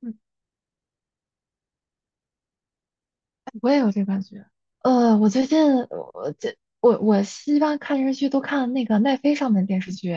嗯，我也有这感觉。我最近我这我我一般看电视剧都看那个奈飞上面的电视剧，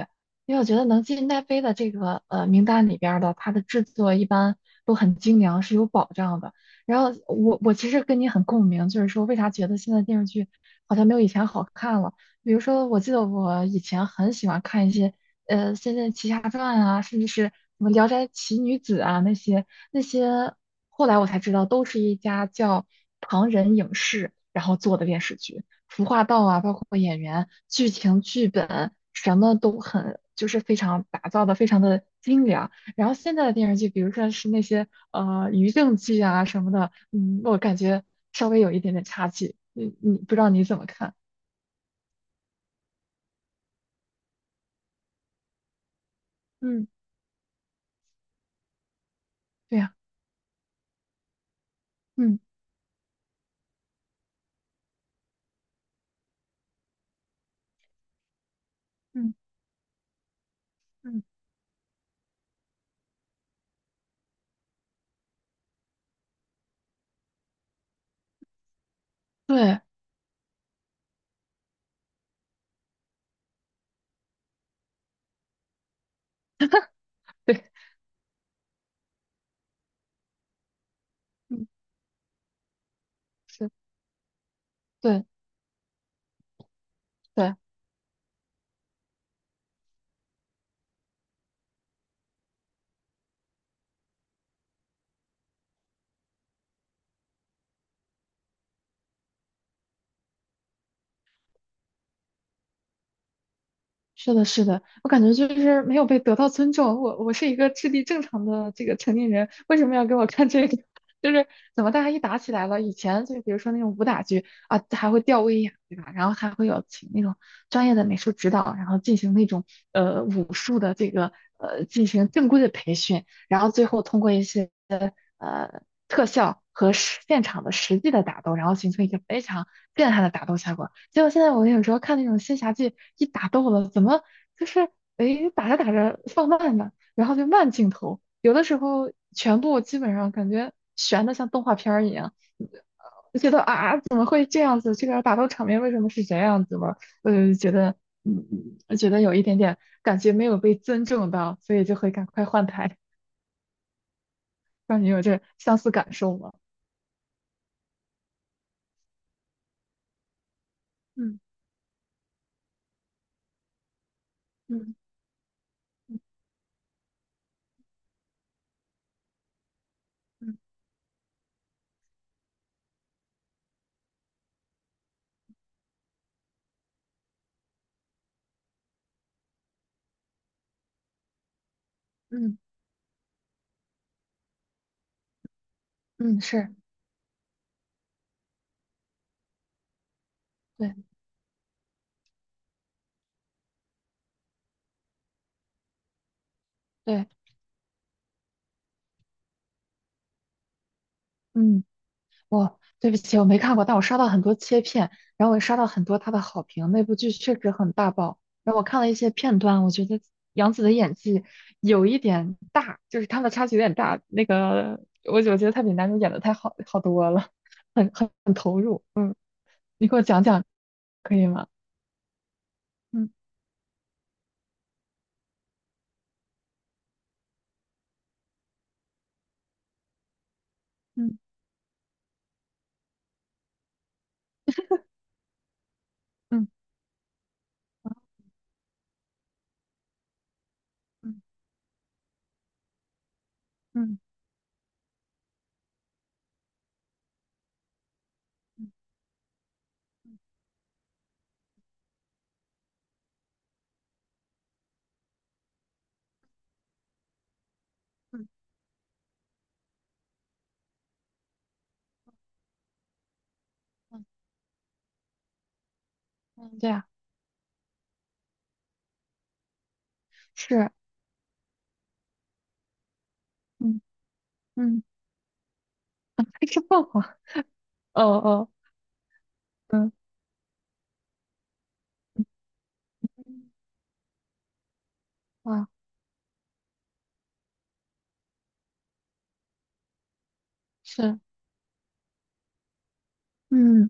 因为我觉得能进奈飞的这个名单里边儿的，它的制作一般都很精良，是有保障的。然后我其实跟你很共鸣，就是说为啥觉得现在电视剧好像没有以前好看了？比如说，我记得我以前很喜欢看一些《仙剑奇侠传》啊，甚至是什么《聊斋奇女子》啊那些。那些后来我才知道，都是一家叫唐人影视然后做的电视剧，服化道啊，包括演员、剧情、剧本，什么都很就是非常打造的非常的精良。然后现在的电视剧，比如说是那些余乐剧啊什么的，我感觉稍微有一点点差距。你不知道你怎么看？嗯，对呀，嗯嗯嗯，对对，嗯，是，对对。是的，是的，我感觉就是没有被得到尊重。我是一个智力正常的这个成年人，为什么要给我看这个？就是怎么大家一打起来了，以前就比如说那种武打剧啊，还会吊威亚，对吧？然后还会有请那种专业的美术指导，然后进行那种武术的这个进行正规的培训，然后最后通过一些。呃特效和实现场的实际的打斗，然后形成一个非常震撼的打斗效果。结果现在我有时候看那种仙侠剧，一打斗了，怎么就是诶打着打着放慢了，然后就慢镜头，有的时候全部基本上感觉悬的像动画片儿一样。我觉得啊，怎么会这样子？这个打斗场面为什么是这样子嘛？觉得，嗯，觉得有一点点感觉没有被尊重到，所以就会赶快换台。让你有这相似感受吗？嗯嗯嗯嗯嗯，是，对对，嗯，我对不起，我没看过，但我刷到很多切片，然后我也刷到很多他的好评，那部剧确实很大爆。然后我看了一些片段，我觉得杨紫的演技有一点大，就是她的差距有点大。那个，我觉得她比男主演的太好好多了，很投入。嗯，你给我讲讲可以吗？嗯嗯嗯嗯嗯嗯嗯嗯，嗯，对啊，是，嗯嗯，还是凤凰。哦哦，嗯，哇，是，嗯，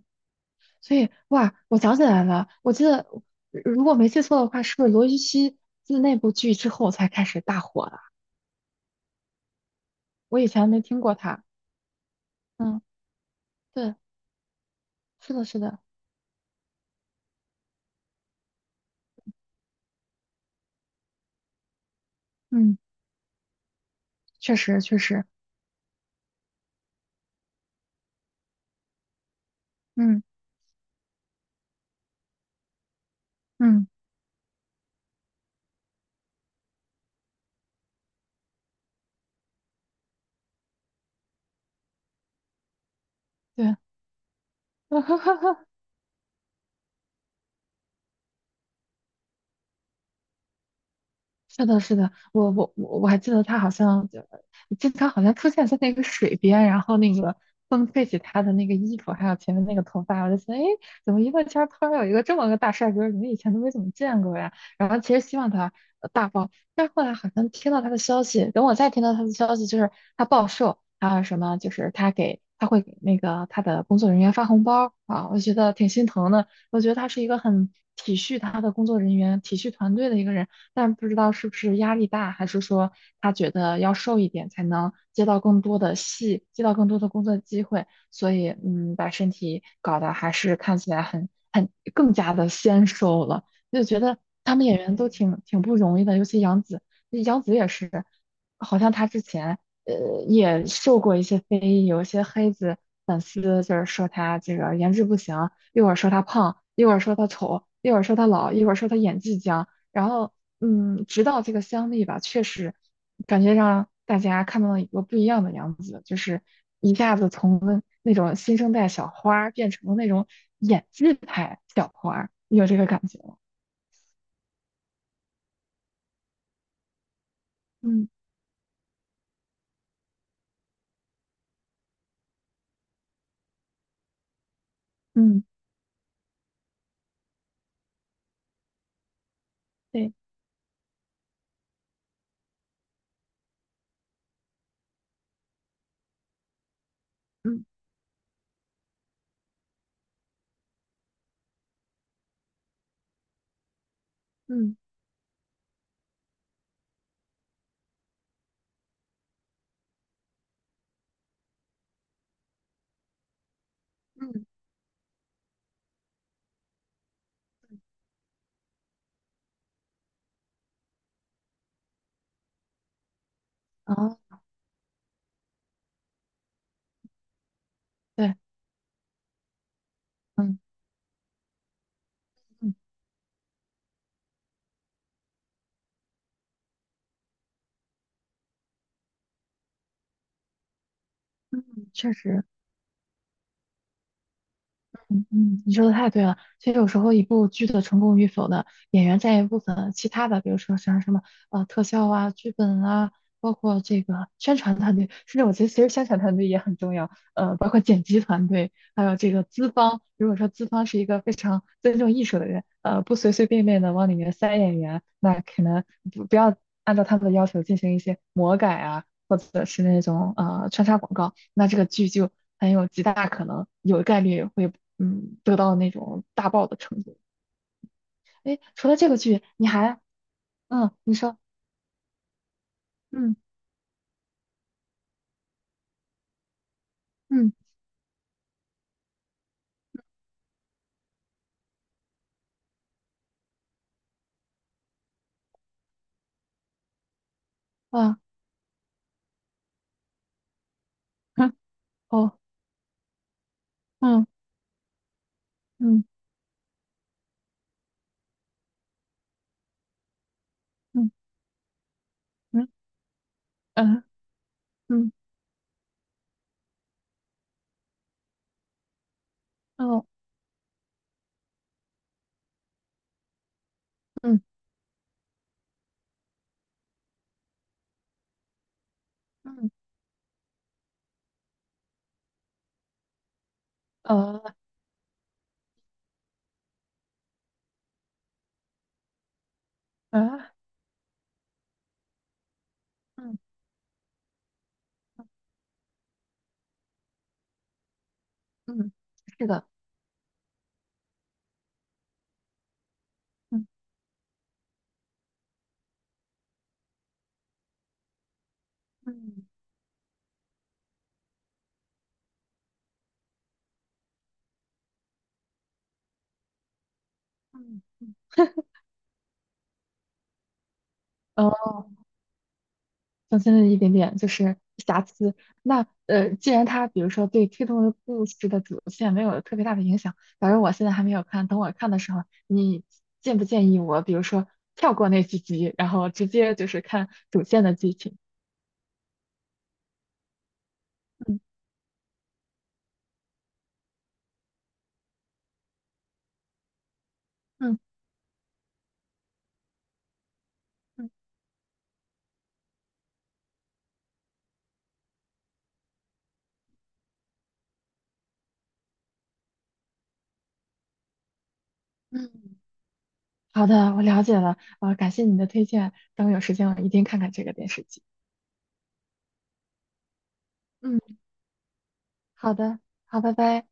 所以哇，我想起来了，我记得如果没记错的话，是不是罗云熙自那部剧之后才开始大火的？我以前没听过他。嗯，对，是的，是的，嗯，确实，确实，嗯嗯，对，是的，是的，我还记得他好像就经常好像出现在那个水边，然后那个风吹起他的那个衣服，还有前面那个头发，我就觉得，哎，怎么娱乐圈儿突然有一个这么个大帅哥儿，你们以前都没怎么见过呀？然后其实希望他大爆，但是后来好像听到他的消息，等我再听到他的消息，就是他暴瘦，还有什么就是他会给那个他的工作人员发红包啊，我觉得挺心疼的。我觉得他是一个很体恤他的工作人员、体恤团队的一个人。但不知道是不是压力大，还是说他觉得要瘦一点才能接到更多的戏，接到更多的工作机会，所以把身体搞得还是看起来很更加的纤瘦了，就觉得他们演员都挺不容易的，尤其杨紫，杨紫也是，好像她之前也受过一些非议，有一些黑子粉丝就是说她这个颜值不行，一会儿说她胖，一会儿说她丑，一会儿说她老，一会儿说她演技僵，然后，直到这个香蜜吧，确实感觉让大家看到了一个不一样的样子，就是一下子从那种新生代小花儿变成了那种演技派小花儿你有这个感觉吗？嗯嗯，对，嗯嗯嗯，啊，对，嗯嗯嗯，确实。嗯嗯，你说的太对了。其实有时候一部剧的成功与否呢，演员占一部分，其他的，比如说像什么特效啊、剧本啊，包括这个宣传团队，甚至我觉得其实宣传团队也很重要，包括剪辑团队，还有这个资方。如果说资方是一个非常尊重艺术的人，不随随便便的往里面塞演员，那可能不要按照他们的要求进行一些魔改啊，或者是那种穿插广告，那这个剧就很有极大可能有概率会得到那种大爆的程度。哎，除了这个剧，你还你说。嗯嗯，啊，嗯，哦，嗯嗯嗯嗯嗯嗯，哦，嗯嗯，呃呃嗯嗯，是的，嗯嗯嗯嗯。呃增添了一点点就是瑕疵。那，既然它比如说对推动的故事的主线没有特别大的影响，反正我现在还没有看，等我看的时候，你建不建议我，比如说跳过那几集，然后直接就是看主线的剧情？嗯嗯嗯嗯，好的，我了解了，感谢你的推荐，等我有时间我一定看看这个电视剧。嗯，好的，好，拜拜。